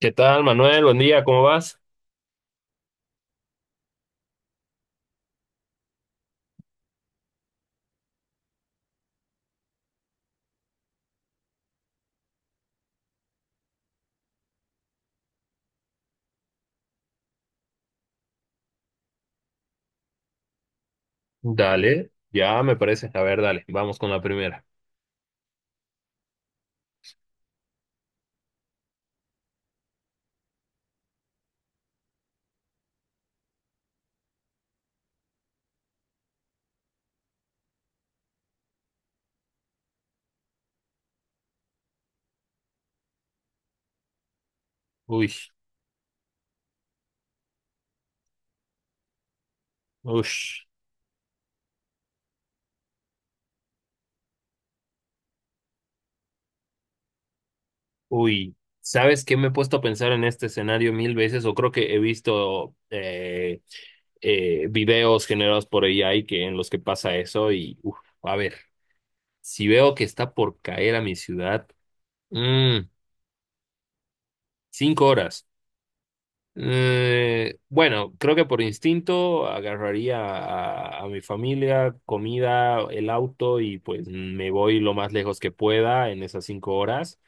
¿Qué tal, Manuel? Buen día, ¿cómo vas? Dale, ya me parece. A ver, dale, vamos con la primera. Uy, uy, uy. ¿Sabes qué me he puesto a pensar en este escenario mil veces? O creo que he visto videos generados por AI en los que pasa eso. Y, uf, a ver, si veo que está por caer a mi ciudad, mm, cinco horas. Bueno, creo que por instinto agarraría a mi familia, comida, el auto y pues me voy lo más lejos que pueda en esas cinco horas.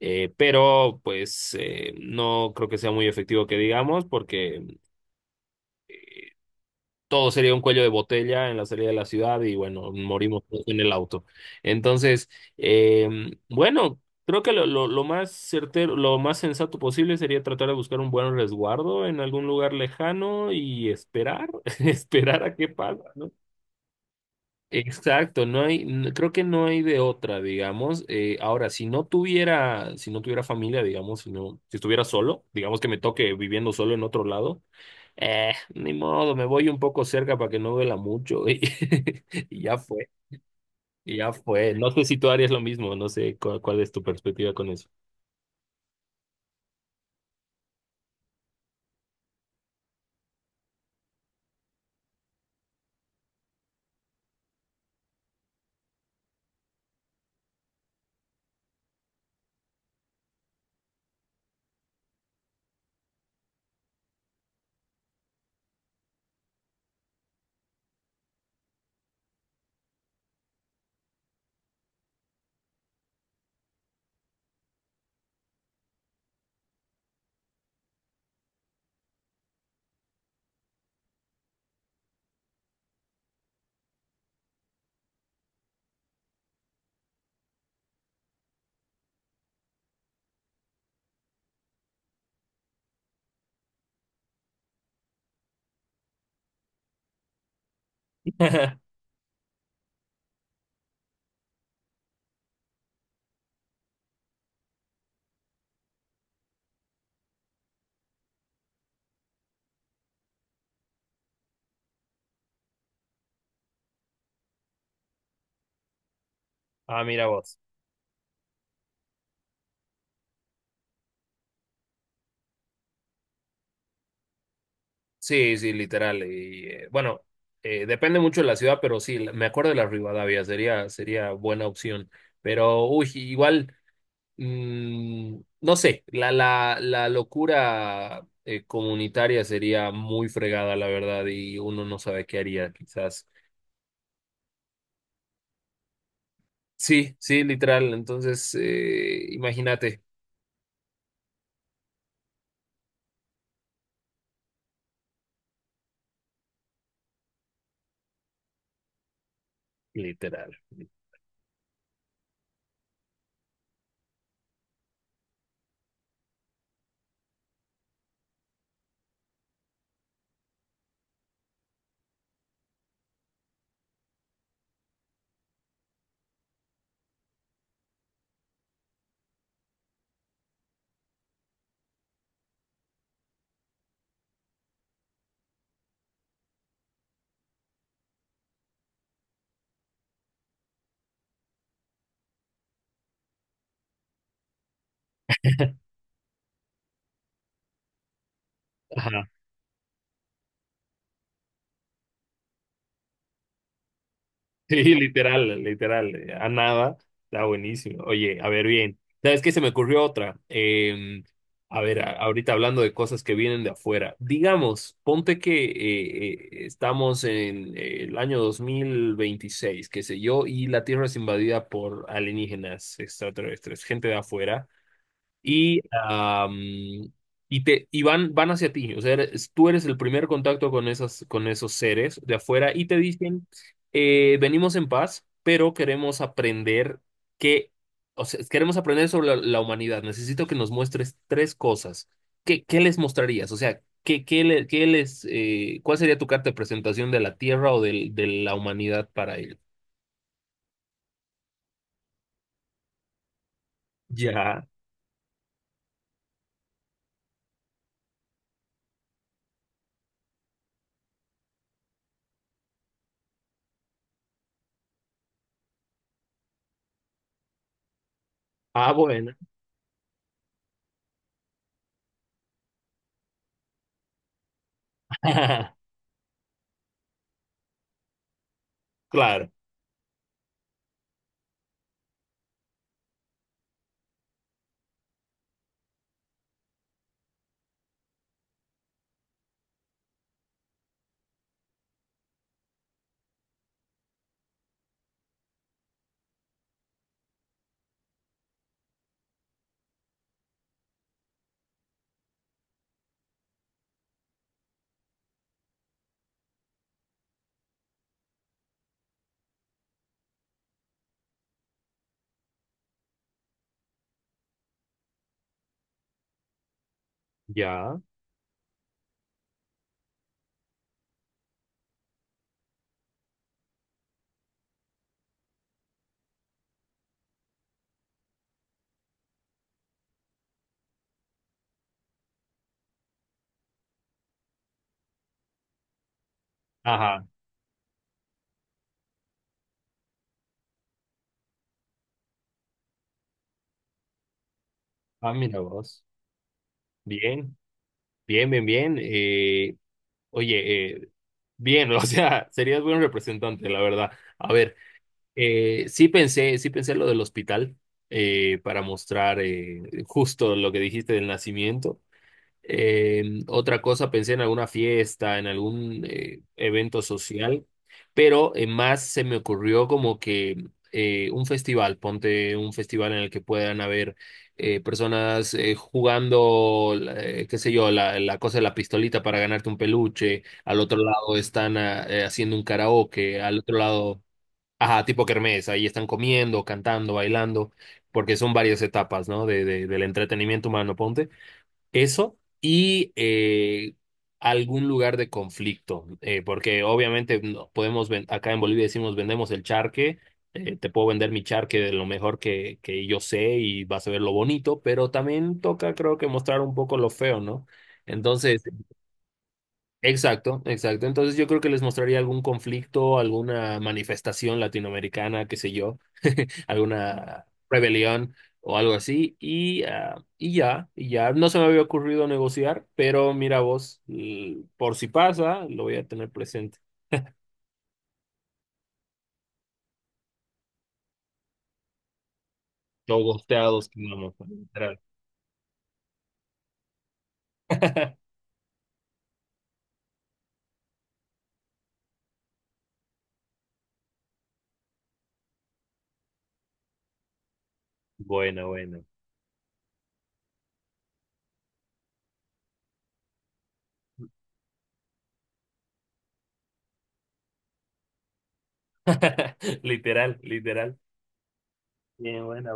Pero no creo que sea muy efectivo que digamos porque todo sería un cuello de botella en la salida de la ciudad y bueno, morimos todos en el auto. Entonces, eh, bueno, creo que lo más certero, lo más sensato posible sería tratar de buscar un buen resguardo en algún lugar lejano y esperar, esperar a qué pasa, ¿no? Exacto, no hay, n- creo que no hay de otra, digamos. Ahora, si no tuviera familia, digamos, si estuviera solo, digamos que me toque viviendo solo en otro lado. Ni modo, me voy un poco cerca para que no duela mucho y, ya fue, y ya fue. No sé si tú harías lo mismo, no sé cuál es tu perspectiva con eso. Ah, mira vos. Sí, sí, literal. Y bueno, depende mucho de la ciudad, pero sí, me acuerdo de la Rivadavia, sería buena opción. Pero, uy, igual, no sé, la locura comunitaria sería muy fregada, la verdad, y uno no sabe qué haría, quizás. Sí, sí, literal. Entonces, imagínate, literal. Ajá. Sí, literal, literal. A nada. Está buenísimo. Oye, a ver, bien. ¿Sabes qué? Se me ocurrió otra. A ver, ahorita hablando de cosas que vienen de afuera. Digamos, ponte que estamos en el año 2026, qué sé yo, y la Tierra es invadida por alienígenas extraterrestres, gente de afuera. Y, am, y van, van hacia ti. O sea, tú eres el primer contacto con con esos seres de afuera y te dicen, venimos en paz, pero queremos aprender que, o sea, queremos aprender sobre la humanidad. Necesito que nos muestres tres cosas. ¿Qué, qué les mostrarías? O sea, ¿qué, qué les, cuál sería tu carta de presentación de la Tierra de la humanidad para ellos? Ya. Ah, bueno. Claro. Ya. Ajá. Ah, mira vos. Bien, bien, bien, bien. Oye, bien, o sea, serías buen representante, la verdad. A ver, sí pensé lo del hospital para mostrar justo lo que dijiste del nacimiento. Eh, otra cosa, pensé en alguna fiesta, en algún evento social, pero más se me ocurrió como que un festival, ponte un festival en el que puedan haber personas jugando, qué sé yo, la cosa de la pistolita para ganarte un peluche, al otro lado están haciendo un karaoke, al otro lado, ajá, tipo kermés, ahí están comiendo, cantando, bailando, porque son varias etapas, ¿no? Del entretenimiento humano, ponte. Eso y algún lugar de conflicto, porque obviamente no podemos, acá en Bolivia decimos vendemos el charque, te puedo vender mi charque de lo mejor que yo sé y vas a ver lo bonito, pero también toca creo que mostrar un poco lo feo, ¿no? Entonces, exacto, exacto. Entonces yo creo que les mostraría algún conflicto, alguna manifestación latinoamericana, qué sé yo alguna rebelión o algo así. Y, ah, y ya, y ya. No se me había ocurrido negociar, pero mira vos, por si pasa, lo voy a tener presente. Los gosteados vamos literal entrar. Bueno, bueno. Literal, literal. Bien, buena.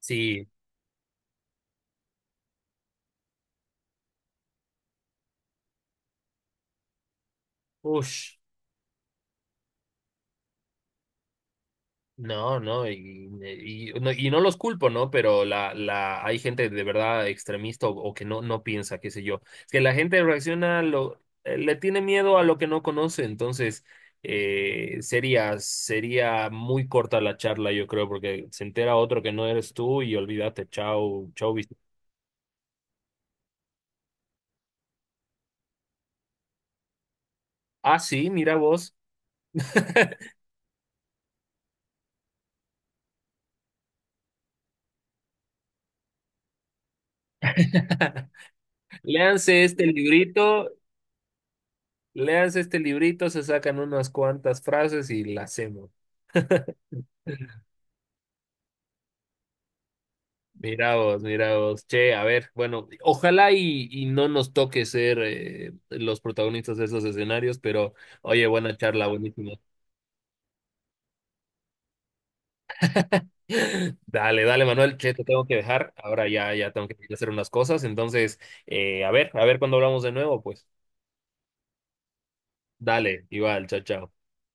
Sí. Ush. No, no, no, y no los culpo, ¿no? Pero hay gente de verdad extremista o que no, no piensa, qué sé yo. Es que la gente reacciona, a lo, le tiene miedo a lo que no conoce, entonces sería, sería muy corta la charla, yo creo, porque se entera otro que no eres tú y olvídate, chao, chao. Viste. Ah, sí, mira vos. Léanse este librito, léanse este librito, se sacan unas cuantas frases y la hacemos. Mira vos, mira vos. Che, a ver, bueno, ojalá y no nos toque ser los protagonistas de esos escenarios, pero oye, buena charla, buenísima. Dale, dale, Manuel, che, te tengo que dejar. Ahora ya, ya tengo que ir a hacer unas cosas. Entonces, a ver cuando hablamos de nuevo, pues. Dale, igual, chao, chao.